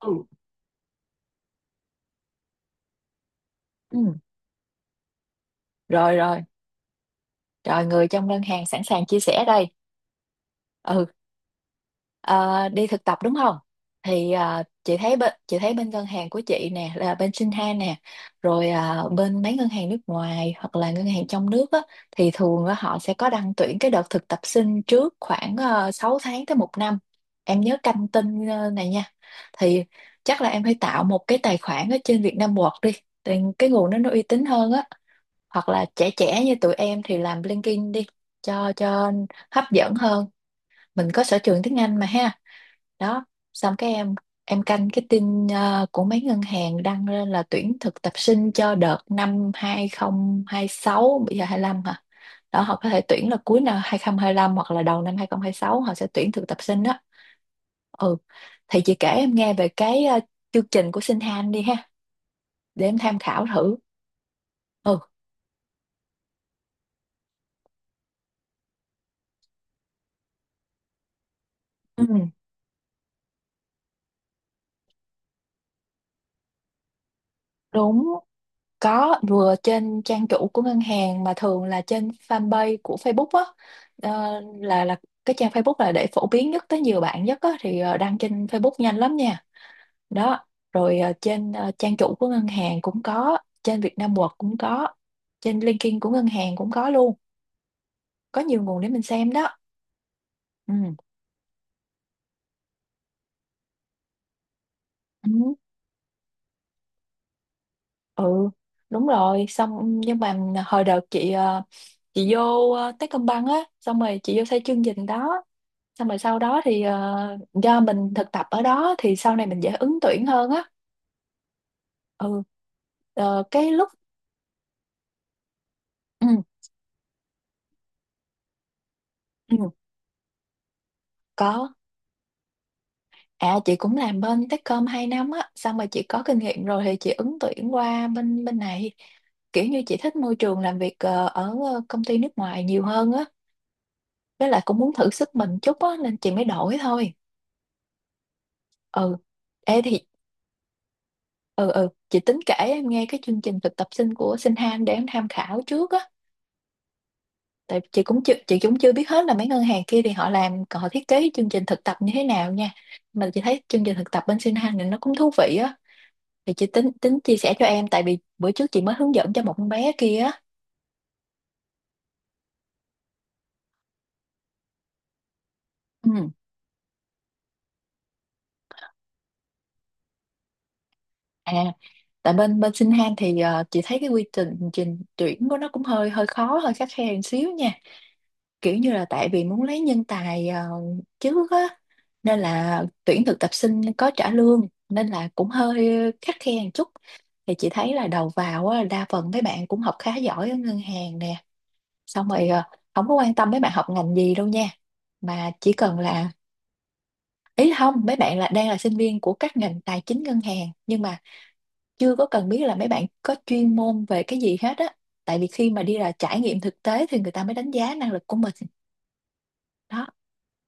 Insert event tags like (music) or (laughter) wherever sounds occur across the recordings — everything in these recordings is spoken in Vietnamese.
Ừ. Ừ. Rồi rồi, rồi người trong ngân hàng sẵn sàng chia sẻ đây. Ừ. Ờ, Đi thực tập đúng không? Thì chị thấy bên ngân hàng của chị nè là bên Shinhan nè, rồi bên mấy ngân hàng nước ngoài hoặc là ngân hàng trong nước á, thì thường á họ sẽ có đăng tuyển cái đợt thực tập sinh trước khoảng 6 tháng tới một năm. Em nhớ canh tin này nha. Thì chắc là em phải tạo một cái tài khoản ở trên Vietnam Work đi. Thì cái nguồn đó nó uy tín hơn á, hoặc là trẻ trẻ như tụi em thì làm LinkedIn đi cho hấp dẫn hơn, mình có sở trường tiếng Anh mà ha. Đó, xong cái em canh cái tin của mấy ngân hàng đăng lên là tuyển thực tập sinh cho đợt năm 2026, bây giờ 25 hả. Đó, họ có thể tuyển là cuối năm 2025 hoặc là đầu năm 2026, họ sẽ tuyển thực tập sinh đó. Ừ, thì chị kể em nghe về cái chương trình của Sinh Han đi ha, để em tham khảo thử. Ừ. Ừ, đúng. Có, vừa trên trang chủ của ngân hàng, mà thường là trên fanpage của Facebook á. Là cái trang Facebook là để phổ biến nhất tới nhiều bạn nhất á, thì đăng trên Facebook nhanh lắm nha. Đó. Rồi trên trang chủ của ngân hàng cũng có, trên Vietnam World cũng có, trên LinkedIn của ngân hàng cũng có luôn. Có nhiều nguồn để mình xem đó. Ừ. Ừ. Ừ. Đúng rồi, xong nhưng mà hồi đợt chị vô Techcombank á, xong rồi chị vô xây chương trình đó, xong rồi sau đó thì do mình thực tập ở đó thì sau này mình dễ ứng tuyển hơn á. Ừ. Cái lúc ừ, ừ, có. À, chị cũng làm bên Techcom 2 năm á, xong rồi chị có kinh nghiệm rồi thì chị ứng tuyển qua bên bên này, kiểu như chị thích môi trường làm việc ở công ty nước ngoài nhiều hơn á, với lại cũng muốn thử sức mình chút á nên chị mới đổi thôi. Ừ, ê thì ừ ừ, chị tính kể em nghe cái chương trình thực tập sinh của Sinh Han để em tham khảo trước á, tại chị cũng chưa biết hết là mấy ngân hàng kia thì họ làm, còn họ thiết kế chương trình thực tập như thế nào nha. Mà chị thấy chương trình thực tập bên Sinh Hanh này nó cũng thú vị á, thì chị tính tính chia sẻ cho em tại vì bữa trước chị mới hướng dẫn cho một con bé kia á. Ừ. À, tại bên bên Sinh Han thì chị thấy cái quy trình trình tuyển của nó cũng hơi hơi khó, hơi khắt khe một xíu nha. Kiểu như là tại vì muốn lấy nhân tài trước á, nên là tuyển thực tập sinh có trả lương nên là cũng hơi khắt khe một chút. Thì chị thấy là đầu vào á, đa phần mấy bạn cũng học khá giỏi ở ngân hàng nè. Xong rồi không có quan tâm mấy bạn học ngành gì đâu nha. Mà chỉ cần là, ý là không, mấy bạn là đang là sinh viên của các ngành tài chính ngân hàng, nhưng mà chưa có cần biết là mấy bạn có chuyên môn về cái gì hết á. Tại vì khi mà đi là trải nghiệm thực tế thì người ta mới đánh giá năng lực của mình. Đó.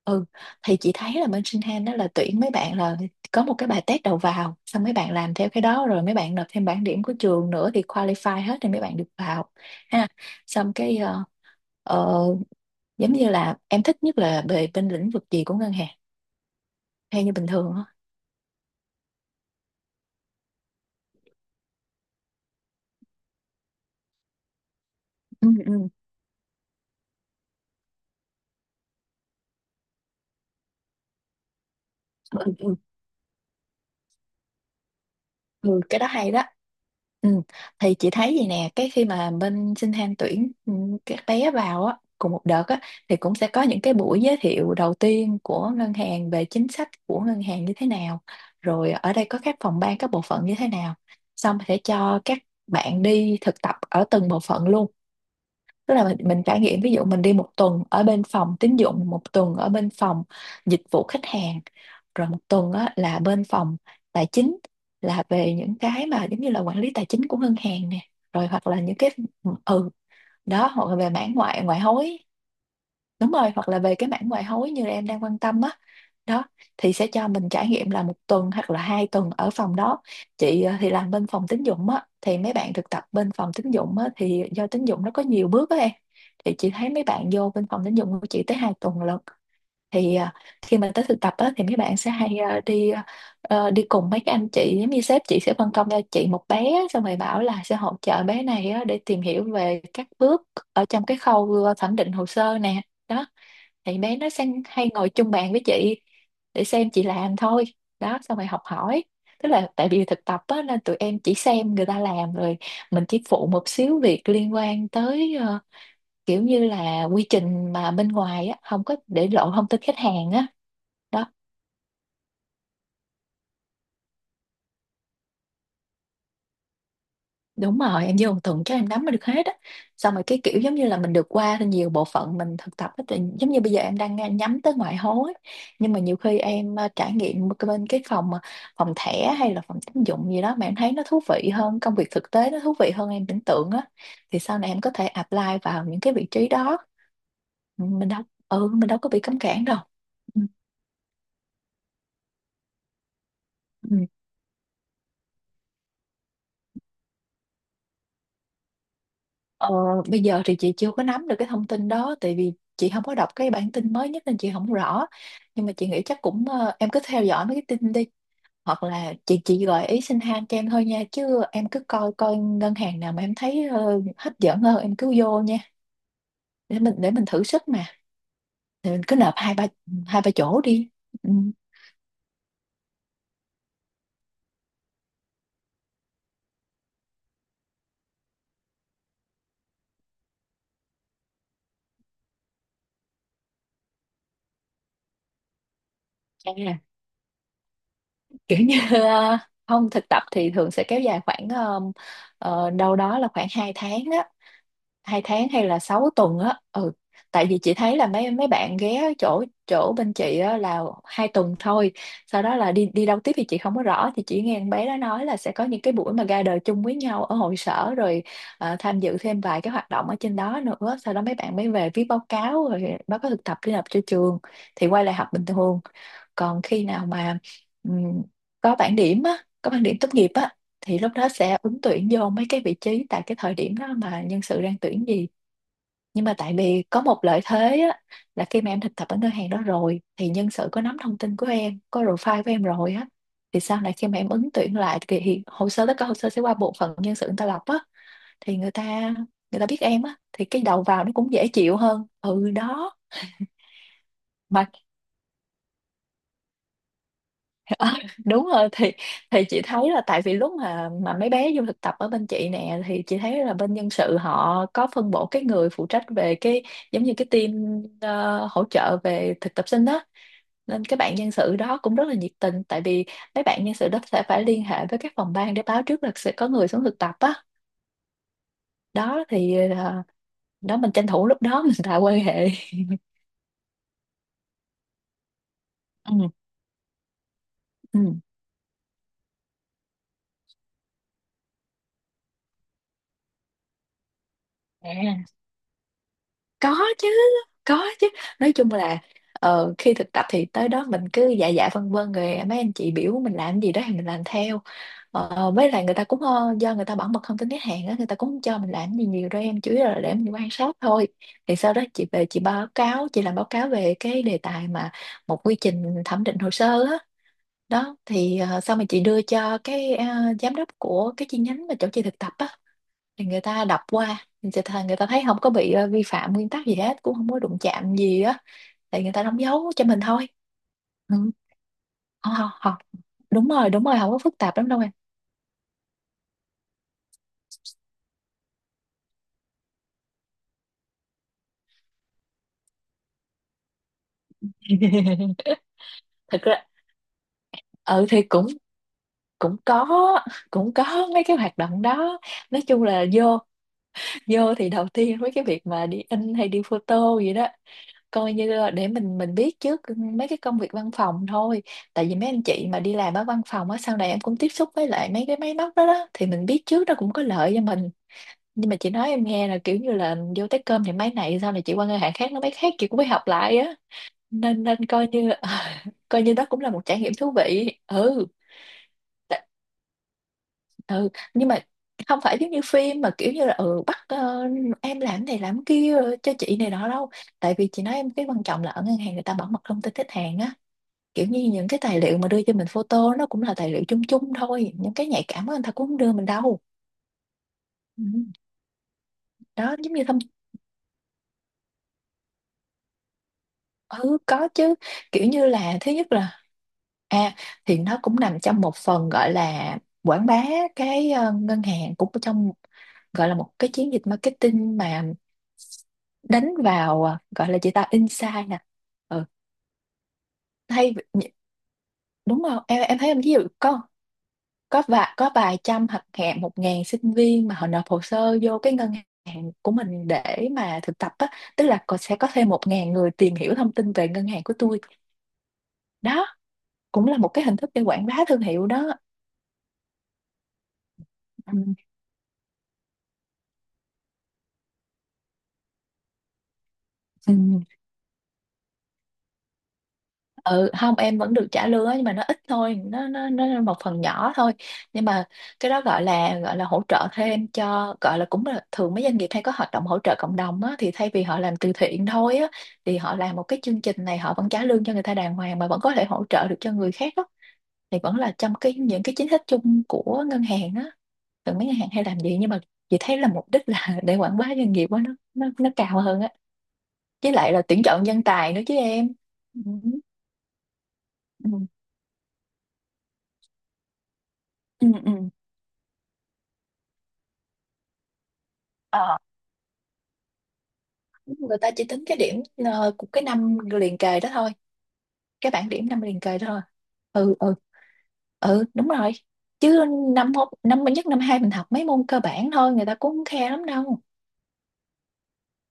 Ừ, thì chị thấy là bên Sinh đó là tuyển mấy bạn là có một cái bài test đầu vào, xong mấy bạn làm theo cái đó rồi mấy bạn nộp thêm bảng điểm của trường nữa, thì qualify hết thì mấy bạn được vào ha. Xong cái ờ, giống như là em thích nhất là về bên lĩnh vực gì của ngân hàng theo như bình thường á. Ừ, ừ, ừ, ừ. Ừ, cái đó hay đó. Ừ. Thì chị thấy vậy nè, cái khi mà bên Sinh tham tuyển các bé vào á, cùng một đợt á, thì cũng sẽ có những cái buổi giới thiệu đầu tiên của ngân hàng về chính sách của ngân hàng như thế nào, rồi ở đây có các phòng ban, các bộ phận như thế nào. Xong sẽ cho các bạn đi thực tập ở từng bộ phận luôn, tức là mình trải nghiệm, ví dụ mình đi một tuần ở bên phòng tín dụng, một tuần ở bên phòng dịch vụ khách hàng, rồi một tuần á là bên phòng tài chính, là về những cái mà giống như là quản lý tài chính của ngân hàng nè, rồi hoặc là những cái ừ đó, hoặc là về mảng ngoại ngoại hối. Đúng rồi, hoặc là về cái mảng ngoại hối như em đang quan tâm á. Đó, thì sẽ cho mình trải nghiệm là một tuần hoặc là 2 tuần ở phòng đó. Chị thì làm bên phòng tín dụng á, thì mấy bạn thực tập bên phòng tín dụng á thì do tín dụng nó có nhiều bước á em. Thì chị thấy mấy bạn vô bên phòng tín dụng của chị tới 2 tuần lận. Thì khi mà tới thực tập á thì mấy bạn sẽ hay đi cùng mấy cái anh chị, giống như sếp chị sẽ phân công cho chị một bé á, xong rồi bảo là sẽ hỗ trợ bé này á để tìm hiểu về các bước ở trong cái khâu thẩm định hồ sơ nè. Đó, thì bé nó sang hay ngồi chung bàn với chị để xem chị làm thôi. Đó, xong rồi học hỏi. Tức là tại vì thực tập á nên tụi em chỉ xem người ta làm, rồi mình chỉ phụ một xíu việc liên quan tới kiểu như là quy trình mà bên ngoài á không có, để lộ thông tin khách hàng á. Đó. Đúng rồi, em vô một tuần chắc em nắm được hết á. Xong rồi cái kiểu giống như là mình được qua nhiều bộ phận mình thực tập á, thì giống như bây giờ em đang nhắm tới ngoại hối. Nhưng mà nhiều khi em trải nghiệm cái bên cái phòng thẻ hay là phòng tín dụng gì đó mà em thấy nó thú vị hơn, công việc thực tế nó thú vị hơn em tưởng tượng á. Thì sau này em có thể apply vào những cái vị trí đó. Mình đâu, ừ, mình đâu có bị cấm cản đâu. Ừ. Ừ. Ờ, Bây giờ thì chị chưa có nắm được cái thông tin đó tại vì chị không có đọc cái bản tin mới nhất nên chị không rõ, nhưng mà chị nghĩ chắc cũng em cứ theo dõi mấy cái tin đi, hoặc là chị gợi ý xin han cho em thôi nha, chứ em cứ coi coi ngân hàng nào mà em thấy hấp dẫn hơn em cứ vô nha, để mình thử sức mà. Thì mình cứ nộp hai ba chỗ đi. Ừ. À, kiểu như ờ, không thực tập thì thường sẽ kéo dài khoảng đâu đó là khoảng 2 tháng á, 2 tháng hay là 6 tuần á. Ừ, tại vì chị thấy là mấy mấy bạn ghé chỗ chỗ bên chị á là 2 tuần thôi, sau đó là đi đi đâu tiếp thì chị không có rõ, thì chỉ nghe con bé đó nói là sẽ có những cái buổi mà gather chung với nhau ở hội sở rồi tham dự thêm vài cái hoạt động ở trên đó nữa, sau đó mấy bạn mới về viết báo cáo, rồi báo cáo thực tập đi nộp cho trường, thì quay lại học bình thường. Còn khi nào mà ừm, có bảng điểm á, có bảng điểm tốt nghiệp á, thì lúc đó sẽ ứng tuyển vô mấy cái vị trí tại cái thời điểm đó mà nhân sự đang tuyển gì. Nhưng mà tại vì có một lợi thế á, là khi mà em thực tập ở ngân hàng đó rồi thì nhân sự có nắm thông tin của em, có profile của em rồi á, thì sau này khi mà em ứng tuyển lại thì hồ sơ, tất cả hồ sơ sẽ qua bộ phận nhân sự người ta lọc á, thì người ta biết em á thì cái đầu vào nó cũng dễ chịu hơn. Ừ, đó mà đúng rồi. Thì chị thấy là tại vì lúc mà mấy bé vô thực tập ở bên chị nè, thì chị thấy là bên nhân sự họ có phân bổ cái người phụ trách về cái, giống như cái team hỗ trợ về thực tập sinh đó. Nên các bạn nhân sự đó cũng rất là nhiệt tình, tại vì mấy bạn nhân sự đó sẽ phải liên hệ với các phòng ban để báo trước là sẽ có người xuống thực tập á. Đó thì đó mình tranh thủ lúc đó (laughs) mình tạo quan hệ. (laughs) Ừ, ừ. Có chứ, có chứ. Nói chung là khi thực tập thì tới đó mình cứ dạ dạ vân vân rồi mấy anh chị biểu mình làm gì đó thì mình làm theo. Với lại người ta cũng do người ta bảo mật thông tin khách hàng á, người ta cũng không cho mình làm gì nhiều đâu em, chủ yếu là để mình quan sát thôi. Thì sau đó chị về chị báo cáo, chị làm báo cáo về cái đề tài mà một quy trình thẩm định hồ sơ á. Đó thì sau mà chị đưa cho cái giám đốc của cái chi nhánh mà chỗ chị thực tập á, thì người ta đọc qua thì người ta thấy không có bị vi phạm nguyên tắc gì hết, cũng không có đụng chạm gì á, thì người ta đóng dấu cho mình thôi. Ừ. Không, không, không. Đúng rồi, đúng rồi, không có phức tạp lắm đâu em. (laughs) Thực ra ừ thì cũng cũng có cũng có mấy cái hoạt động đó. Nói chung là vô, vô thì đầu tiên với cái việc mà đi in hay đi photo gì đó, coi như là để mình biết trước mấy cái công việc văn phòng thôi. Tại vì mấy anh chị mà đi làm ở văn phòng á, sau này em cũng tiếp xúc với lại mấy cái máy móc đó đó, thì mình biết trước nó cũng có lợi cho mình. Nhưng mà chị nói em nghe là kiểu như là vô tới cơm thì máy này, sau này chị qua ngân hàng khác nó máy khác, chị cũng phải học lại á. Nên nên coi như, (laughs) coi như đó cũng là một trải nghiệm thú vị. Ừ, ừ. Nhưng mà không phải giống như phim mà kiểu như là ừ bắt em làm này làm kia cho chị này đó đâu. Tại vì chị nói em cái quan trọng là ở ngân hàng người ta bảo mật thông tin khách hàng á, kiểu như những cái tài liệu mà đưa cho mình photo nó cũng là tài liệu chung chung thôi, những cái nhạy cảm á, người ta cũng không đưa mình đâu. Ừ. Đó giống như thông ừ có chứ. Kiểu như là thứ nhất là à thì nó cũng nằm trong một phần gọi là quảng bá cái ngân hàng, cũng trong gọi là một cái chiến dịch marketing mà đánh vào, à, gọi là chị ta insight nè. Ừ. Hay nhỉ- đúng không em, em thấy em ví dụ có có vài trăm hoặc hẹn 1.000 sinh viên mà họ nộp hồ sơ vô cái ngân hàng của mình để mà thực tập á, tức là còn sẽ có thêm 1.000 người tìm hiểu thông tin về ngân hàng của tôi. Đó cũng là một cái hình thức để quảng bá thương hiệu đó. Ừ, ừ. Ừ, không em vẫn được trả lương á, nhưng mà nó ít thôi, nó là một phần nhỏ thôi. Nhưng mà cái đó gọi là, gọi là hỗ trợ thêm cho, gọi là cũng là thường mấy doanh nghiệp hay có hoạt động hỗ trợ cộng đồng á, thì thay vì họ làm từ thiện thôi á, thì họ làm một cái chương trình này họ vẫn trả lương cho người ta đàng hoàng mà vẫn có thể hỗ trợ được cho người khác á, thì vẫn là trong cái những cái chính sách chung của ngân hàng á, thường mấy ngân hàng hay làm gì. Nhưng mà chị thấy là mục đích là (laughs) để quảng bá doanh nghiệp á, nó cao hơn á. Với lại là tuyển chọn nhân tài nữa chứ em. Ừ. Ừ. Ừ. Ừ. Ờ. Người ta chỉ tính cái điểm của cái năm liền kề đó thôi, cái bảng điểm năm liền kề đó thôi. Ừ, ừ, ừ đúng rồi. Chứ năm năm nhất năm hai mình học mấy môn cơ bản thôi, người ta cũng không khe lắm đâu.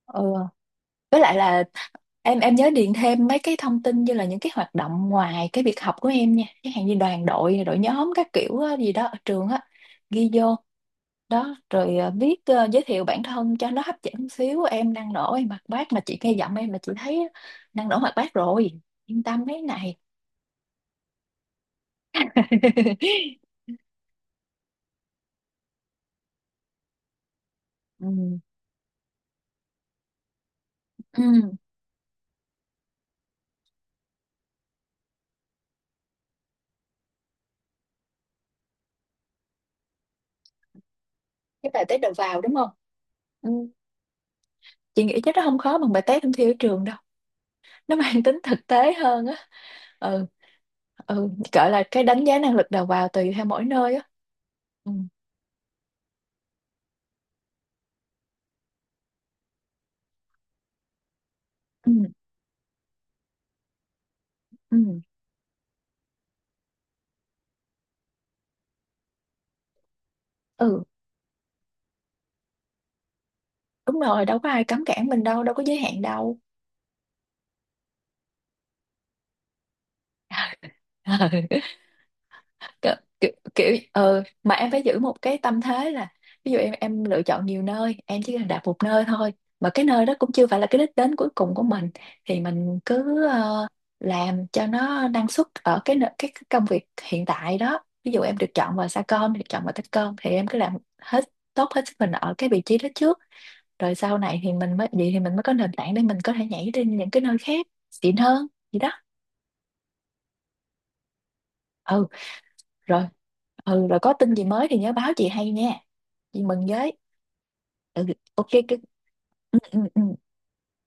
Ừ, với lại là em nhớ điền thêm mấy cái thông tin như là những cái hoạt động ngoài cái việc học của em nha, cái hàng như đoàn đội đội nhóm các kiểu á, gì đó ở trường á, ghi vô đó. Rồi viết giới thiệu bản thân cho nó hấp dẫn xíu, em năng nổ em hoạt bát, mà chị nghe giọng em là chị thấy năng nổ hoạt bát rồi, yên tâm mấy này. (laughs) Ừ. Ừ. Cái bài test đầu vào đúng không. Ừ. Chị nghĩ chắc nó không khó bằng bài test thông thi ở trường đâu, nó mang tính thực tế hơn á. Ừ, ừ gọi là cái đánh giá năng lực đầu vào, tùy theo mỗi nơi á. Ừ, ừ, ừ. Ừ, đúng rồi đâu có ai cấm cản mình đâu, đâu có giới hạn đâu. (laughs) kiểu, Kiểu mà em phải giữ một cái tâm thế là, ví dụ em lựa chọn nhiều nơi, em chỉ cần đạp một nơi thôi, mà cái nơi đó cũng chưa phải là cái đích đến cuối cùng của mình, thì mình cứ làm cho nó năng suất ở cái nợ- cái công việc hiện tại đó. Ví dụ em được chọn vào Sacom, được chọn vào Techcom, thì em cứ làm hết tốt hết sức mình ở cái vị trí đó trước. Rồi sau này thì mình mới vậy thì mình mới có nền tảng để mình có thể nhảy đến những cái nơi khác xịn hơn gì đó. Ừ, rồi. Ừ, rồi có tin gì mới thì nhớ báo chị hay nha, chị mừng với. Ừ, ok cái ừ, ừ, ừ.